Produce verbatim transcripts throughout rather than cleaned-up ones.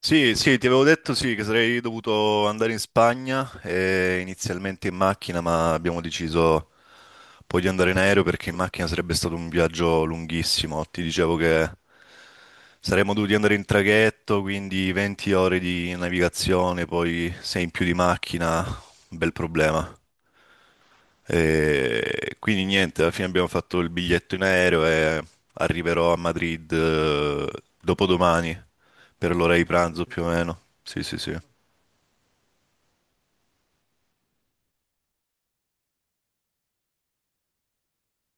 Sì, sì, ti avevo detto sì, che sarei dovuto andare in Spagna eh, inizialmente in macchina, ma abbiamo deciso poi di andare in aereo perché in macchina sarebbe stato un viaggio lunghissimo. Ti dicevo che saremmo dovuti andare in traghetto, quindi venti ore di navigazione, poi sei in più di macchina, un bel problema. E quindi niente, alla fine abbiamo fatto il biglietto in aereo e arriverò a Madrid eh, dopodomani per l'ora di pranzo più o meno. Sì, sì, sì.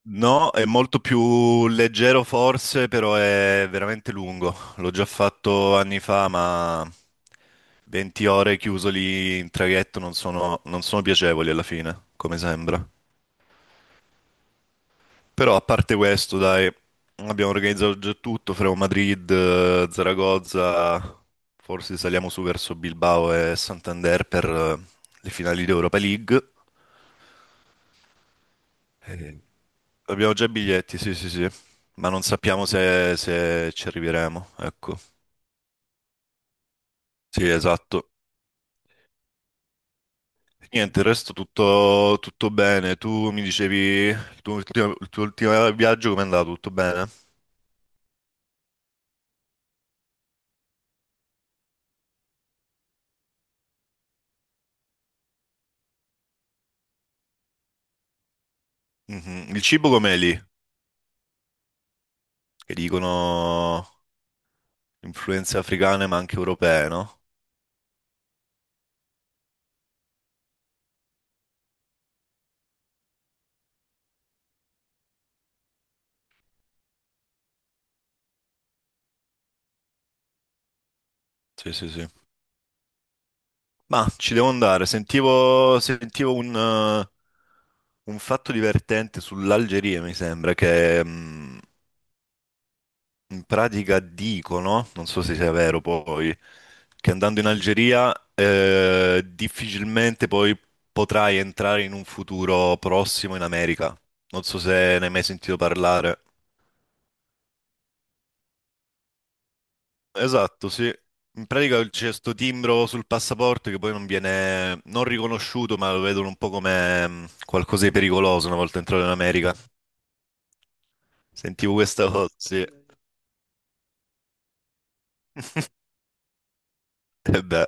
No, è molto più leggero forse, però è veramente lungo. L'ho già fatto anni fa, ma venti ore chiuso lì in traghetto non sono, non sono piacevoli alla fine, come sembra. Però a parte questo, dai, abbiamo organizzato già tutto, faremo Madrid, eh, Zaragoza, forse saliamo su verso Bilbao e Santander per eh, le finali di Europa League. Eh, Abbiamo già i biglietti, sì, sì, sì, ma non sappiamo se, se ci arriveremo, ecco. Sì, esatto. Niente, il resto tutto, tutto bene. Tu mi dicevi il tuo ultimo, il tuo ultimo viaggio com'è andato? Tutto bene? Mhm. Il cibo com'è lì? Che dicono... influenze africane ma anche europee, no? Sì, sì, sì. Ma ci devo andare. Sentivo, sentivo un, eh, un fatto divertente sull'Algeria, mi sembra, che mh, in pratica dicono, non so se sia vero poi, che andando in Algeria eh, difficilmente poi potrai entrare in un futuro prossimo in America. Non so se ne hai mai sentito parlare. Esatto, sì. In pratica c'è sto timbro sul passaporto che poi non viene non riconosciuto, ma lo vedono un po' come mh, qualcosa di pericoloso una volta entrato in America. Sentivo questa cosa, sì. E beh,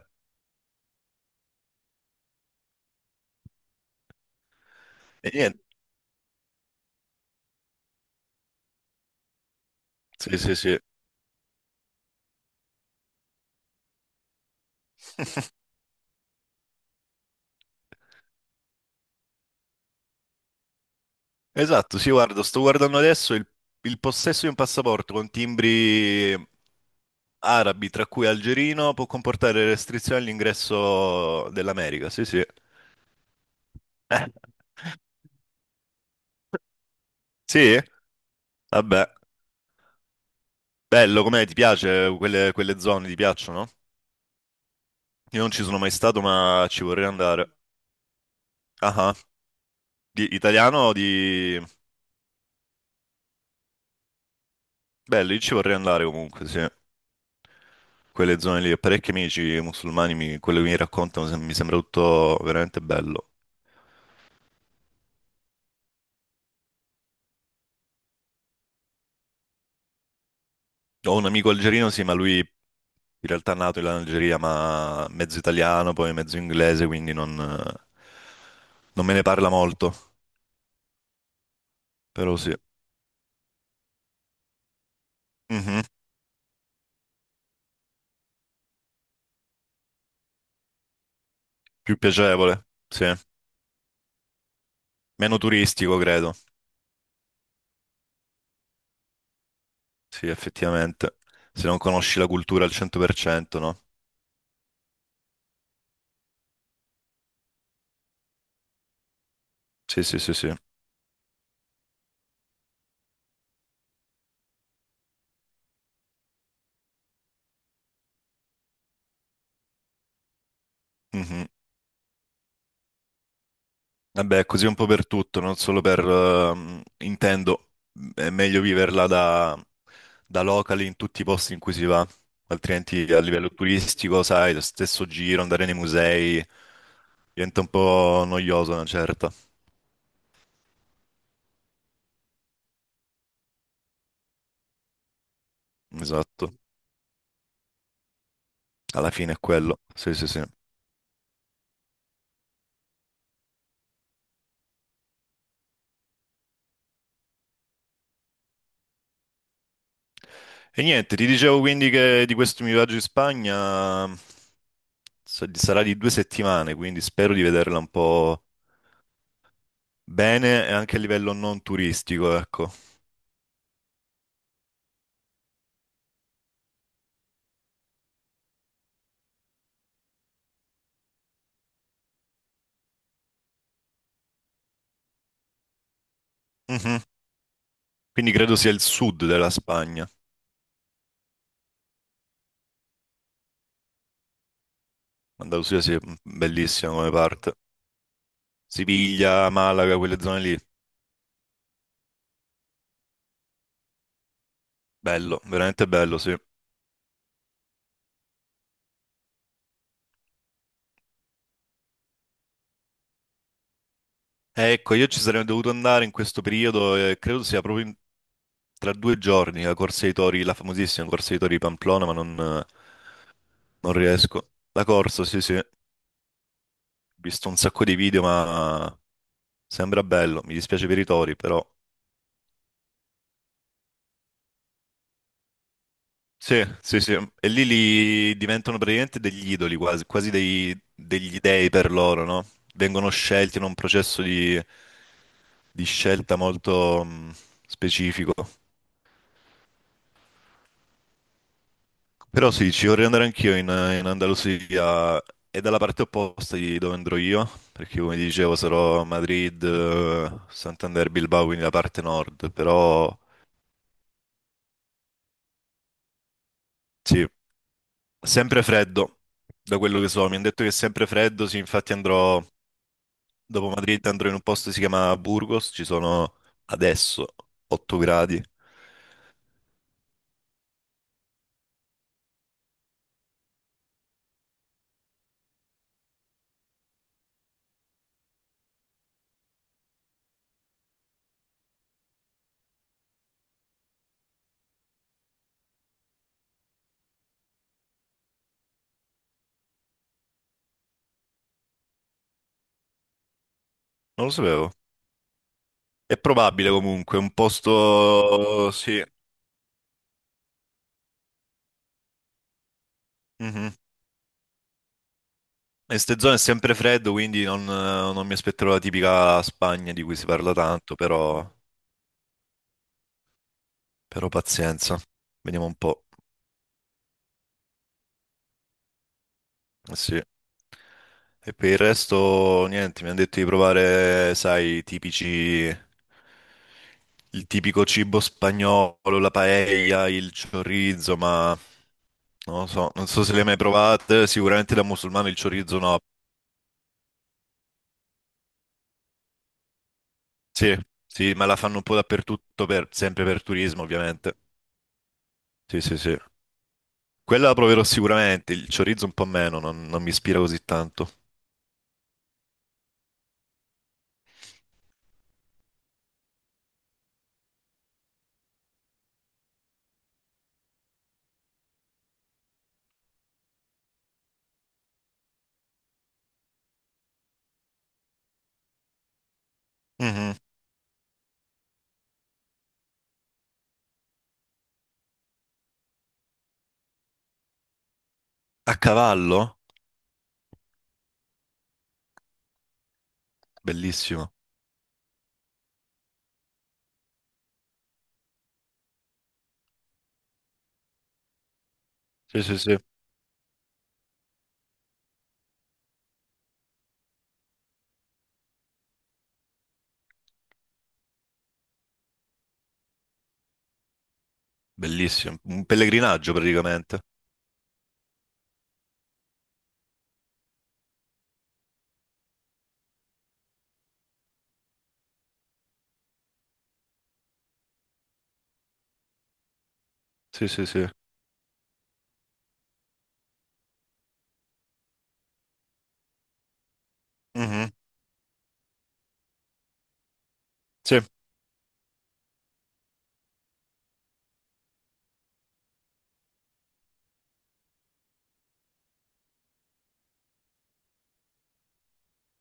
e niente. Sì, sì, sì. Esatto, sì, guarda, sto guardando adesso il, il possesso di un passaporto con timbri arabi, tra cui algerino, può comportare restrizioni all'ingresso dell'America. Sì, sì. Sì? Vabbè. Bello, com'è? Ti piace? Quelle, quelle zone ti piacciono? Io non ci sono mai stato, ma ci vorrei andare. Ah, ah. Di, italiano o di... Bello, io ci vorrei andare comunque, sì. Quelle zone lì, ho parecchi amici musulmani, mi- quello che mi raccontano sem- mi sembra tutto veramente bello. Ho un amico algerino, sì, ma lui in realtà è nato in Algeria, ma mezzo italiano, poi mezzo inglese, quindi non, non me ne parla molto, però sì. Mhm. Più piacevole, sì. Meno turistico, credo. Sì, effettivamente. Se non conosci la cultura al cento per cento, no? Sì, sì, sì, sì. Mhm. Vabbè, è così un po' per tutto, non solo per... ehm, intendo, è meglio viverla da, da locali in tutti i posti in cui si va, altrimenti a livello turistico, sai, lo stesso giro, andare nei musei, diventa un po' noioso una certa. Esatto, alla fine è quello. Sì, sì, sì. E niente, ti dicevo quindi che di questo mio viaggio in Spagna... sa- sarà di due settimane, quindi spero di vederla un po' bene e anche a livello non turistico, ecco. Mhm. Quindi credo sia il sud della Spagna. Andalusia sia bellissima come parte. Siviglia, Malaga, quelle zone lì. Bello, veramente bello, sì. Ecco, io ci sarei dovuto andare in questo periodo e credo sia proprio in- tra due giorni la Corsa dei Tori, la famosissima Corsa dei Tori di Pamplona, ma non, eh, non riesco. La corsa, sì, sì. Ho visto un sacco di video, ma sembra bello, mi dispiace per i tori, però. Sì, sì, sì. E lì li diventano praticamente degli idoli, quasi, quasi dei- degli dei per loro, no? Vengono scelti in un processo di, di scelta molto mh, specifico. Però sì, ci vorrei andare anch'io in, in Andalusia e dalla parte opposta di dove andrò io, perché come dicevo sarò a Madrid, eh, Santander, Bilbao, quindi la parte nord, però sì, sempre freddo, da quello che so, mi hanno detto che è sempre freddo, sì, infatti andrò, dopo Madrid andrò in un posto che si chiama Burgos, ci sono adesso otto gradi, non lo sapevo. È probabile comunque, un posto, sì, mhm. E ste zone è sempre freddo, quindi non, non mi aspetterò la tipica Spagna di cui si parla tanto, però, però pazienza, vediamo un po'. Sì. E per il resto, niente, mi hanno detto di provare, sai, i tipici, il tipico cibo spagnolo, la paella, il chorizo, ma non lo so, non so se le hai mai provate, sicuramente da musulmano il chorizo no. Sì, sì, ma la fanno un po' dappertutto, per- sempre per turismo, ovviamente. Sì, sì, sì. Quella la proverò sicuramente, il chorizo un po' meno, non, non mi ispira così tanto. Mhm. A cavallo? Bellissimo. Sì, sì, sì. Bellissimo, un pellegrinaggio praticamente. Sì, sì, sì. Mhm, sì,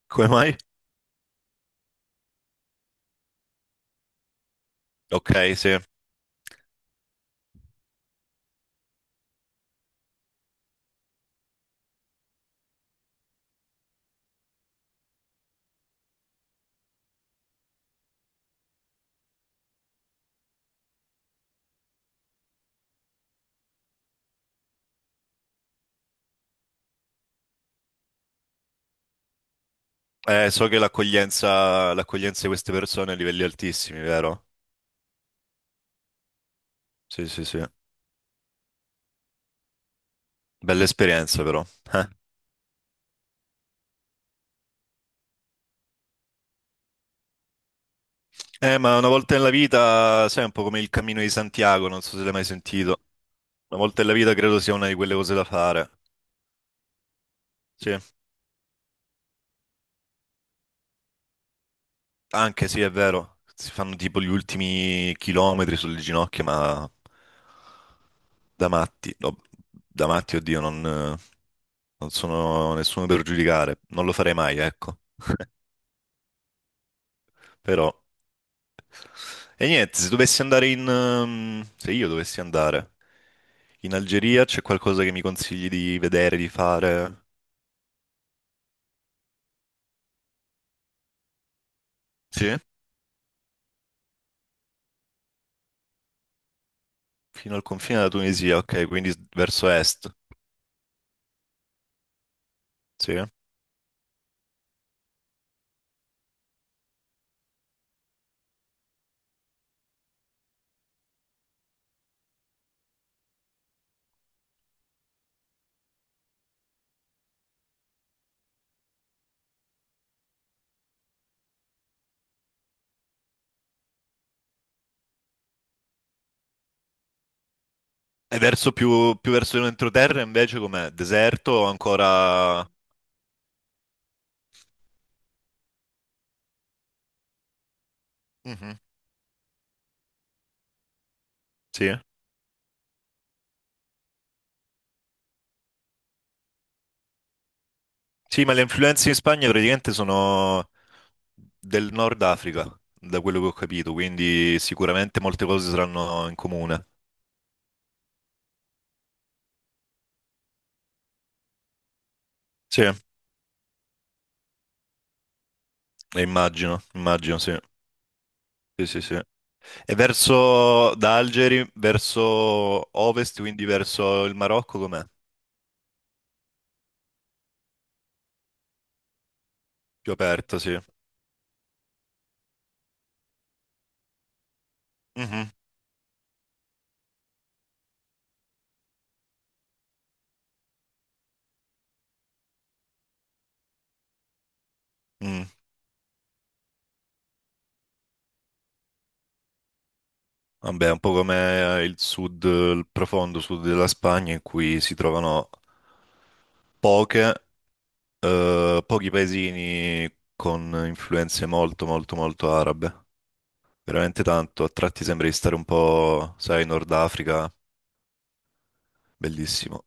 come mai? Ok, sì. Eh, so che l'accoglienza l'accoglienza di queste persone è a livelli altissimi, vero? Sì, sì, sì. Bella esperienza però. Eh. Eh, ma una volta nella vita, sai, è un po' come il Cammino di Santiago, non so se l'hai mai sentito. Una volta nella vita credo sia una di quelle cose da fare. Sì. Anche sì, è vero, si fanno tipo gli ultimi chilometri sulle ginocchia, ma da matti, no, da matti, oddio, non, non sono nessuno per giudicare, non lo farei mai, ecco. Però, e niente, se dovessi andare in, ehm, se io dovessi andare in Algeria, c'è qualcosa che mi consigli di vedere, di fare? Sì? Fino al confine della Tunisia, ok, quindi s- verso est, sì? E verso più, più verso l'entroterra invece com'è? Deserto o ancora... mhm. Sì. Eh? Sì, ma le influenze in Spagna praticamente sono del Nord Africa, da quello che ho capito, quindi sicuramente molte cose saranno in comune. Sì, eh, immagino, immagino, sì. Sì, sì, sì. E verso da Algeri, verso ovest, quindi verso il Marocco, com'è? Più aperto, sì. Mhm, mm. Vabbè, un po' come eh, il sud, il profondo sud della Spagna, in cui si trovano poche. Eh, pochi paesini con influenze molto, molto, molto arabe. Veramente tanto. A tratti sembra di stare un po', sai, Nord Africa. Bellissimo.